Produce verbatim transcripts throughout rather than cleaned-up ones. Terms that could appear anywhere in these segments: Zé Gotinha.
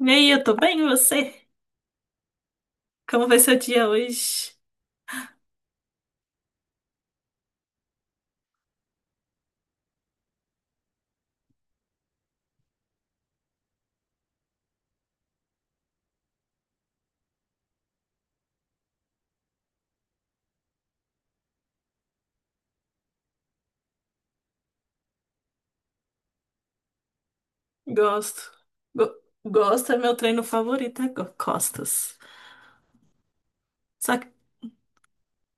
E aí, eu tô bem, e você? Como vai seu dia hoje? Gosto. Go- gosto é meu treino favorito, é go- costas. Só que,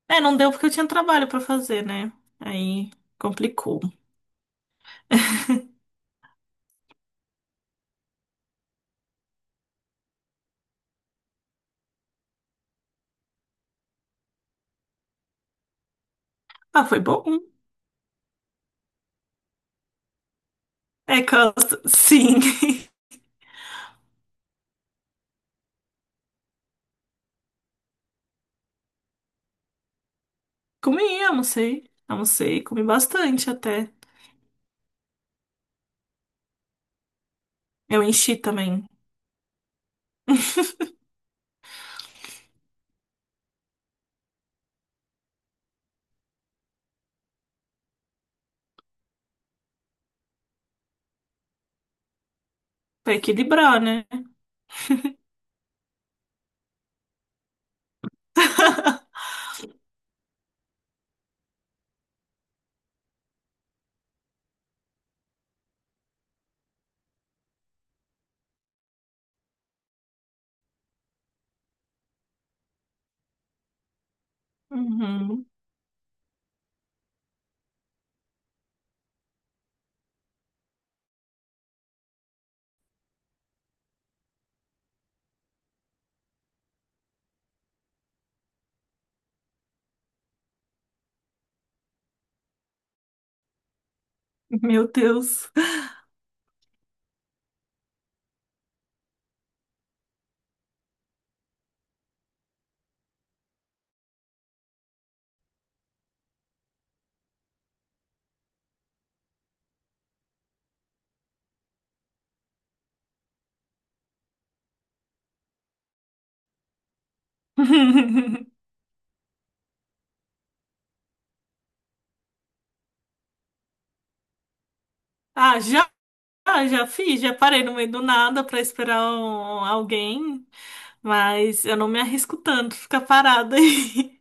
é, não deu porque eu tinha trabalho pra fazer, né? Aí complicou. Ah, foi bom. É costas, sim. Comi, almocei. Almocei, comi bastante até. Eu enchi também. Pra equilibrar, né? Uhum. Meu Deus. Ah, já? Ah, já fiz, já parei no meio do nada pra esperar um- um, alguém, mas eu não me arrisco tanto ficar parada aí.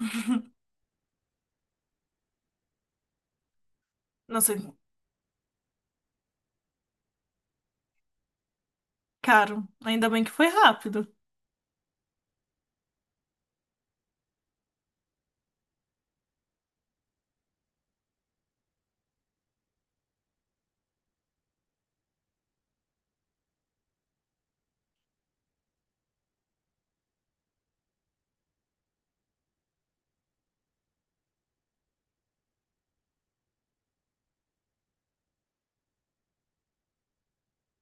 Nossa, caro. Ainda bem que foi rápido.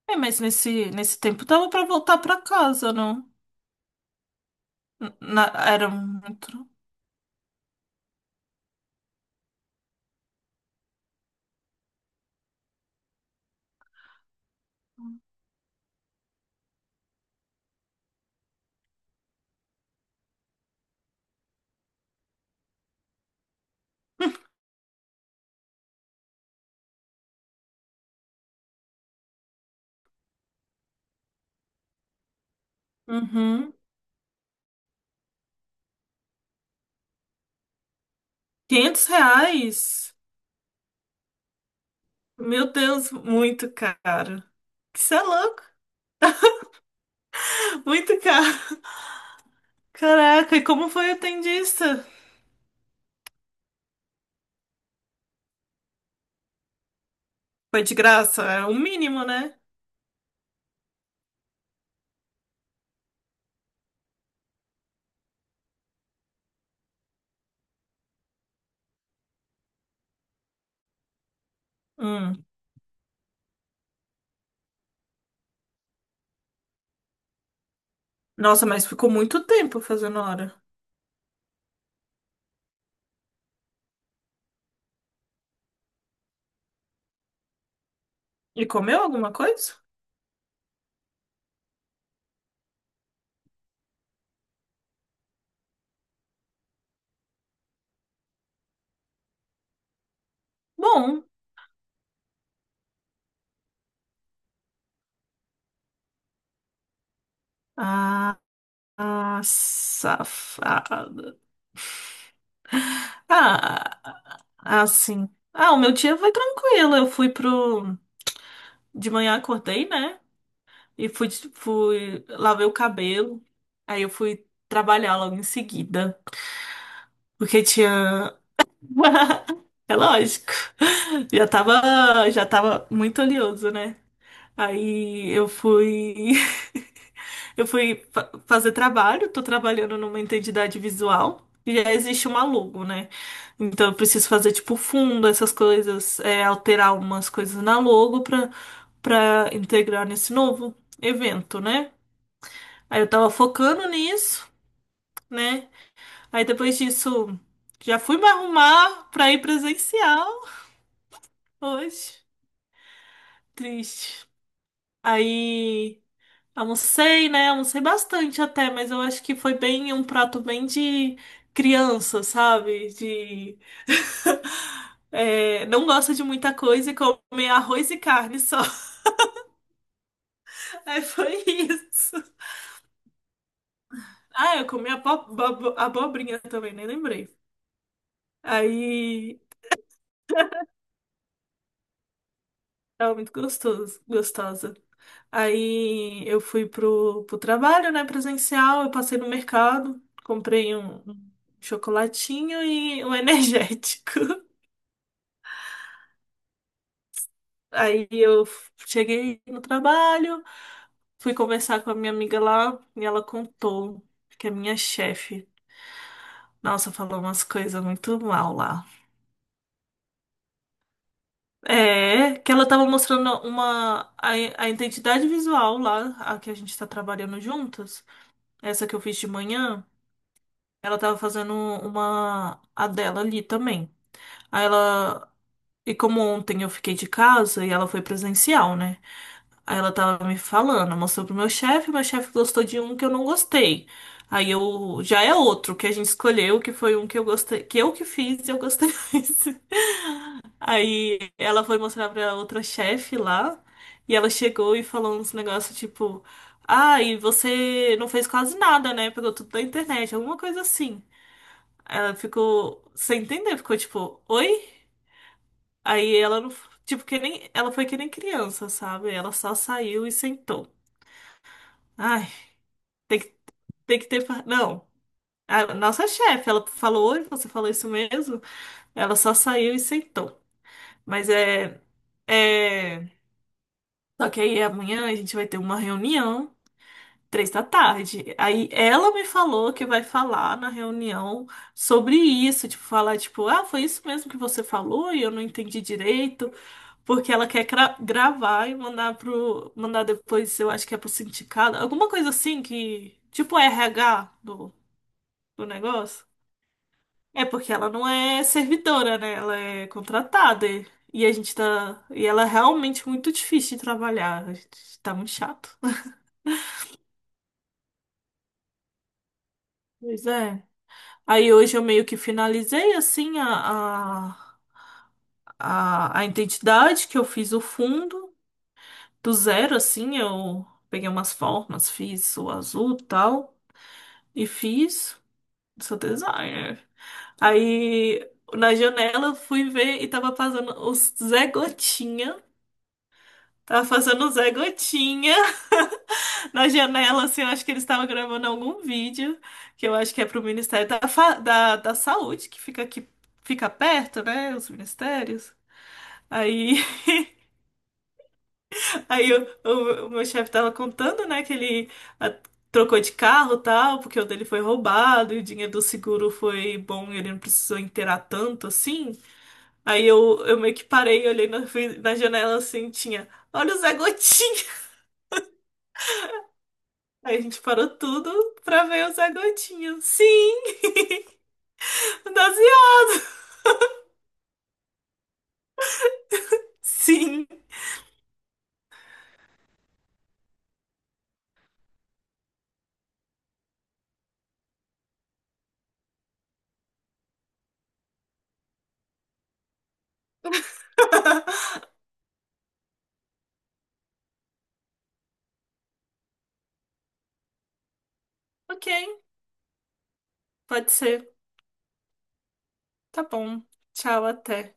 É, mas nesse, nesse tempo dava pra voltar pra casa, não? N- na- era muito. Uhum. quinhentos reais? Meu Deus, muito caro. Isso é louco. Muito caro. Caraca, e como foi o atendista? Foi de graça, é o mínimo, né? Hum. Nossa, mas ficou muito tempo fazendo hora. E comeu alguma coisa? Bom. Ah, ah, safada. Ah, assim. Ah, o meu dia foi tranquilo. Eu fui pro. De manhã acordei, né? E fui, fui. Lavei o cabelo. Aí eu fui trabalhar logo em seguida. Porque tinha. É lógico. Já tava, já tava muito oleoso, né? Aí eu fui. Eu fui fa- fazer trabalho, tô trabalhando numa entidade visual e já existe uma logo, né? Então eu preciso fazer tipo fundo, essas coisas, é, alterar umas coisas na logo pra, pra integrar nesse novo evento, né? Aí eu tava focando nisso, né? Aí depois disso já fui me arrumar pra ir presencial hoje. Triste. Aí. Almocei, né? Almocei bastante até, mas eu acho que foi bem um prato bem de criança, sabe? De é, não gosta de muita coisa e come arroz e carne só. Aí foi isso. Ah, eu comi abo- abo- abobrinha também, nem lembrei. Aí tava muito gostoso, gostosa. Aí eu fui pro, pro trabalho, né, presencial, eu passei no mercado, comprei um, um chocolatinho e um energético. Aí eu cheguei no trabalho, fui conversar com a minha amiga lá e ela contou que a minha chefe, nossa, falou umas coisas muito mal lá. É, que ela tava mostrando uma a, a identidade visual lá, a que a gente tá trabalhando juntas, essa que eu fiz de manhã, ela tava fazendo uma a dela ali também. Aí ela e como ontem eu fiquei de casa e ela foi presencial, né? Aí ela tava me falando, mostrou pro meu chefe, meu chefe gostou de um que eu não gostei. Aí eu já é outro que a gente escolheu, que foi um que eu gostei, que eu que fiz e eu gostei mais. Aí ela foi mostrar pra outra chefe lá, e ela chegou e falou uns negócios tipo, ah, e você não fez quase nada, né? Pegou tudo da internet, alguma coisa assim. Ela ficou sem entender, ficou tipo, oi? Aí ela não, tipo que nem, ela foi que nem criança, sabe? Ela só saiu e sentou. Ai. Tem que Tem que ter. fa- Não. A nossa chefe, ela falou, "Oi, você falou isso mesmo? Ela só saiu e sentou. Mas é, é. Só que aí amanhã a gente vai ter uma reunião, três da tarde. Aí ela me falou que vai falar na reunião sobre isso. Tipo, falar, tipo, ah, foi isso mesmo que você falou e eu não entendi direito. Porque ela quer cra- gravar e mandar pro. Mandar depois, eu acho que é pro sindicato. Alguma coisa assim que. Tipo R H do, do negócio. É porque ela não é servidora, né? Ela é contratada. E e a gente tá. E ela é realmente muito difícil de trabalhar. A gente tá muito chato. Pois é. Aí hoje eu meio que finalizei assim a, a, a, a identidade que eu fiz o fundo do zero, assim, eu peguei umas formas, fiz o azul e tal, e fiz, sou designer. Aí na janela eu fui ver e tava passando o Zé Gotinha. Tava fazendo o Zé Gotinha na janela, assim, eu acho que eles estavam gravando algum vídeo, que eu acho que é pro Ministério da, Fa- da, da Saúde, que fica aqui, fica perto, né, os ministérios. Aí, aí eu- o, o meu chefe tava contando, né, que ele ah, trocou de carro e tal, porque o dele foi roubado, e o dinheiro do seguro foi bom, e ele não precisou inteirar tanto, assim. Aí eu, eu meio que parei, olhei na, fui na janela, assim, tinha, olha o Zé Gotinha! Aí a gente parou tudo pra ver o Zé Gotinha. Sim! doze anos! Sim! Ok, pode ser. Tá bom. Tchau, até.